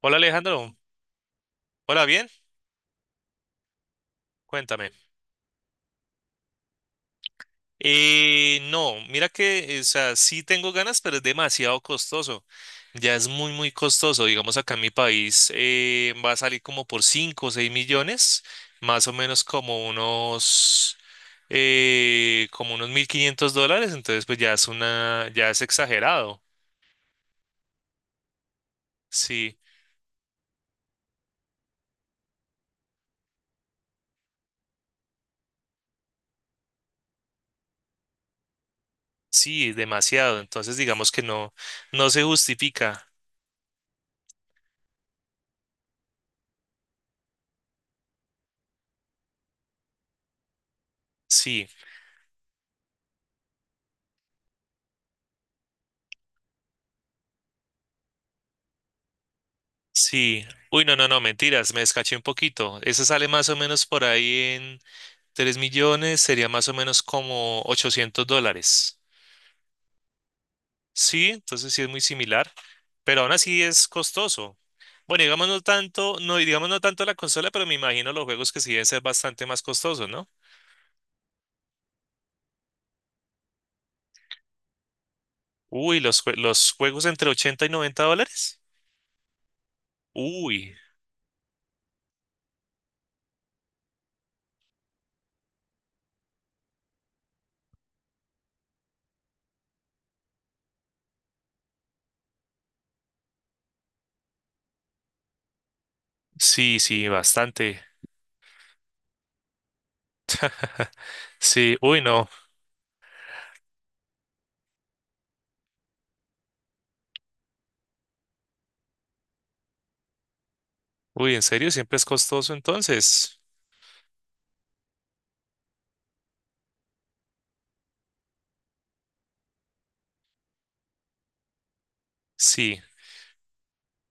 Hola Alejandro, hola, bien, cuéntame. No, mira que, o sea, sí tengo ganas, pero es demasiado costoso. Ya es muy, muy costoso. Digamos, acá en mi país va a salir como por 5 o 6 millones, más o menos como unos $1.500. Entonces, pues ya es ya es exagerado. Sí, sí, demasiado. Entonces, digamos que no se justifica. Sí. Sí. Uy, no, no, no, mentiras, me descaché un poquito. Ese sale más o menos por ahí en 3 millones, sería más o menos como $800. Sí, entonces sí es muy similar, pero aún así es costoso. Bueno, digamos no tanto, no, y digamos no tanto la consola, pero me imagino los juegos que sí deben ser bastante más costosos, ¿no? Uy, los juegos entre $80 y $90. Uy, sí, sí, bastante. Sí, uy, no. Uy, ¿en serio? ¿Siempre es costoso entonces? Sí.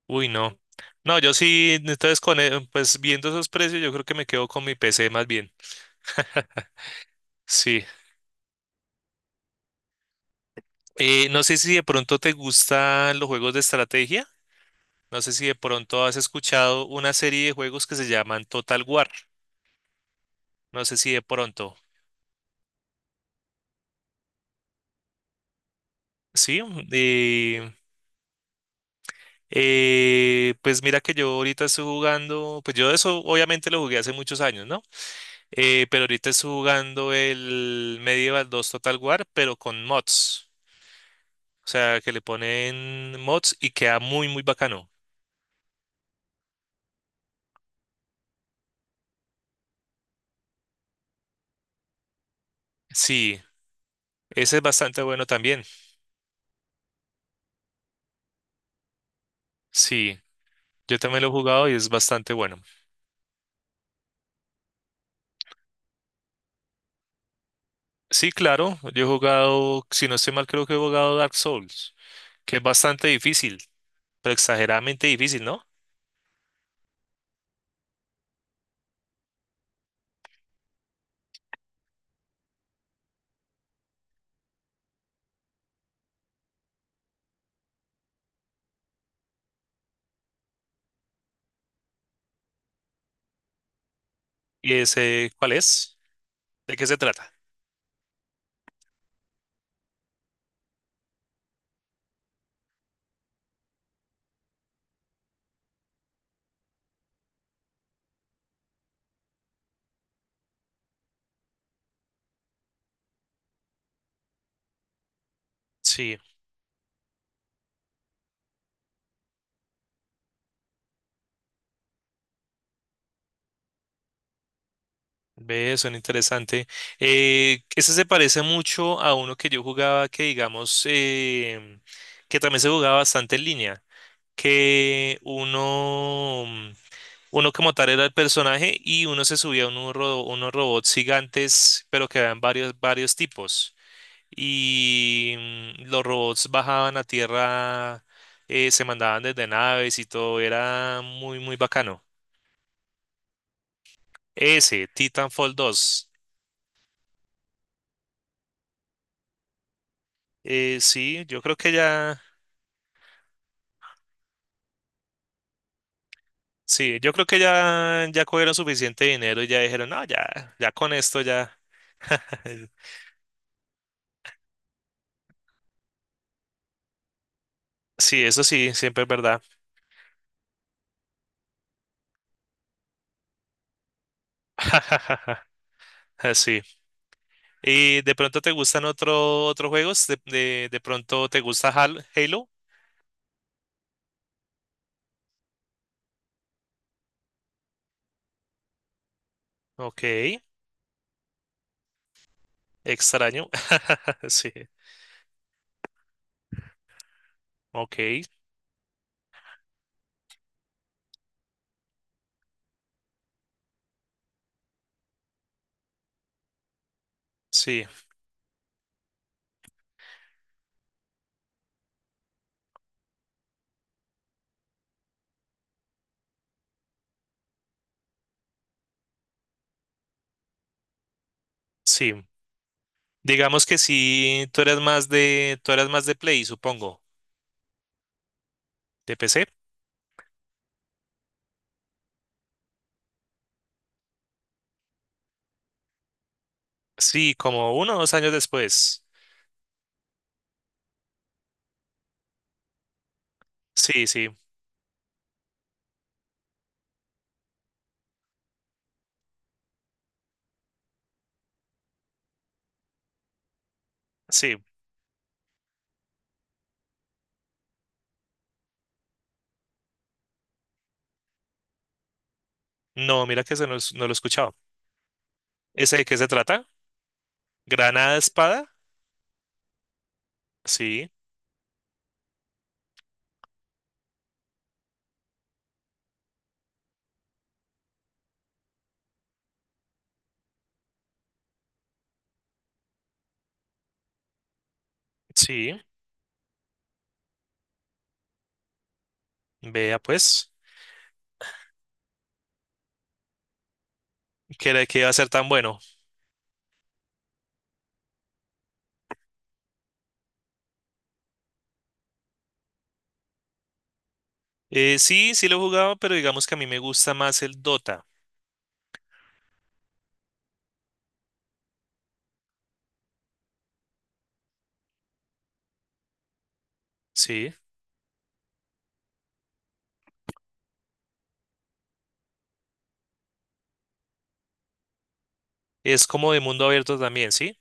Uy, no. No, yo sí, entonces pues viendo esos precios, yo creo que me quedo con mi PC más bien. Sí. No sé si de pronto te gustan los juegos de estrategia. No sé si de pronto has escuchado una serie de juegos que se llaman Total War. No sé si de pronto. Sí. Pues mira que yo ahorita estoy jugando, pues yo eso obviamente lo jugué hace muchos años, ¿no? Pero ahorita estoy jugando el Medieval 2 Total War, pero con mods. O sea, que le ponen mods y queda muy, muy bacano. Sí, ese es bastante bueno también. Sí, yo también lo he jugado y es bastante bueno. Sí, claro, yo he jugado, si no estoy mal, creo que he jugado Dark Souls, que es bastante difícil, pero exageradamente difícil, ¿no? ¿Y ese cuál es? ¿De qué se trata? Sí, ve, suena interesante. Ese se parece mucho a uno que yo jugaba que, digamos, que también se jugaba bastante en línea, que uno Uno como tal era el personaje y uno se subía a unos robots gigantes, pero que eran varios, varios tipos. Y los robots bajaban a tierra, se mandaban desde naves y todo, era muy, muy bacano. Ese, Titanfall dos. Eh, sí, yo creo que ya, sí, yo creo que ya, ya cogieron suficiente dinero y ya dijeron, no, ya, ya con esto ya. Sí, eso sí, siempre es verdad. Sí. ¿Y de pronto te gustan otro, otros juegos? De pronto te gusta Halo? Ok, extraño. Sí, ok, sí, sí. Digamos que sí, tú eres más de, tú eres más de Play, supongo. ¿De PC? Sí, como uno o dos años después. Sí, sí, sí. No, mira que no, lo he escuchado. ¿Ese de qué se trata? ¿Granada Espada? Sí, sí. Vea pues, que iba a ser tan bueno. Sí, sí lo he jugado, pero digamos que a mí me gusta más el Dota, ¿sí? Es como de mundo abierto también, ¿sí?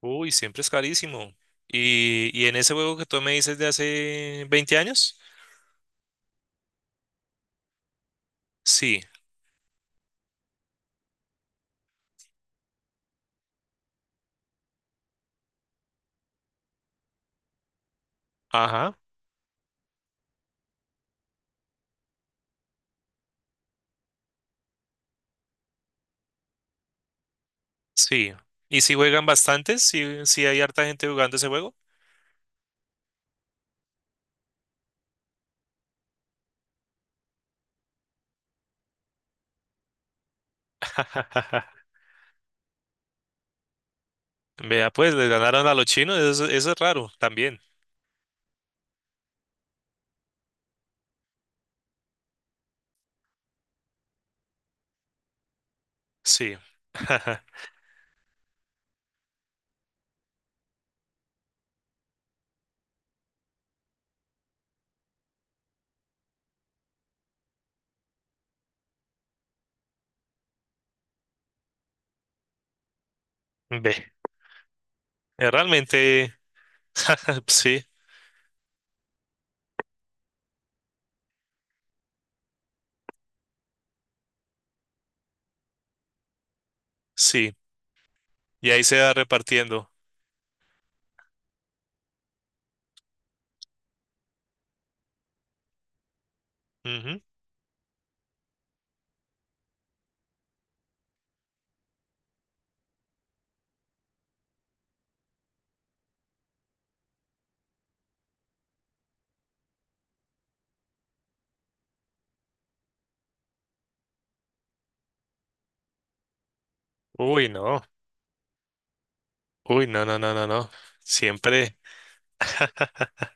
Uy, siempre es carísimo. Y en ese juego que tú me dices de hace 20 años, sí, ajá, sí. ¿Y si juegan bastantes? ¿Sí, sí hay harta gente jugando ese juego? Vea, pues, les ganaron a los chinos, eso es raro también, sí. Ve, realmente, sí, sí. Y ahí se va repartiendo. Ujú. Uy, no. Uy, no, no, no, no, no. Siempre,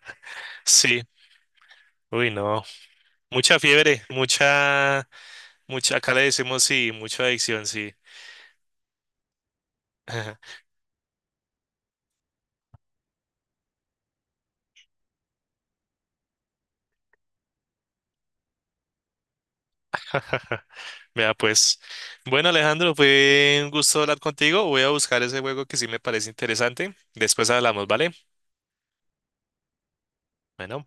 sí. Uy, no. Mucha fiebre, mucha, mucha, acá le decimos sí, mucha adicción, sí. Vea, pues. Bueno, Alejandro, fue un gusto hablar contigo. Voy a buscar ese juego que sí me parece interesante. Después hablamos, ¿vale? Bueno.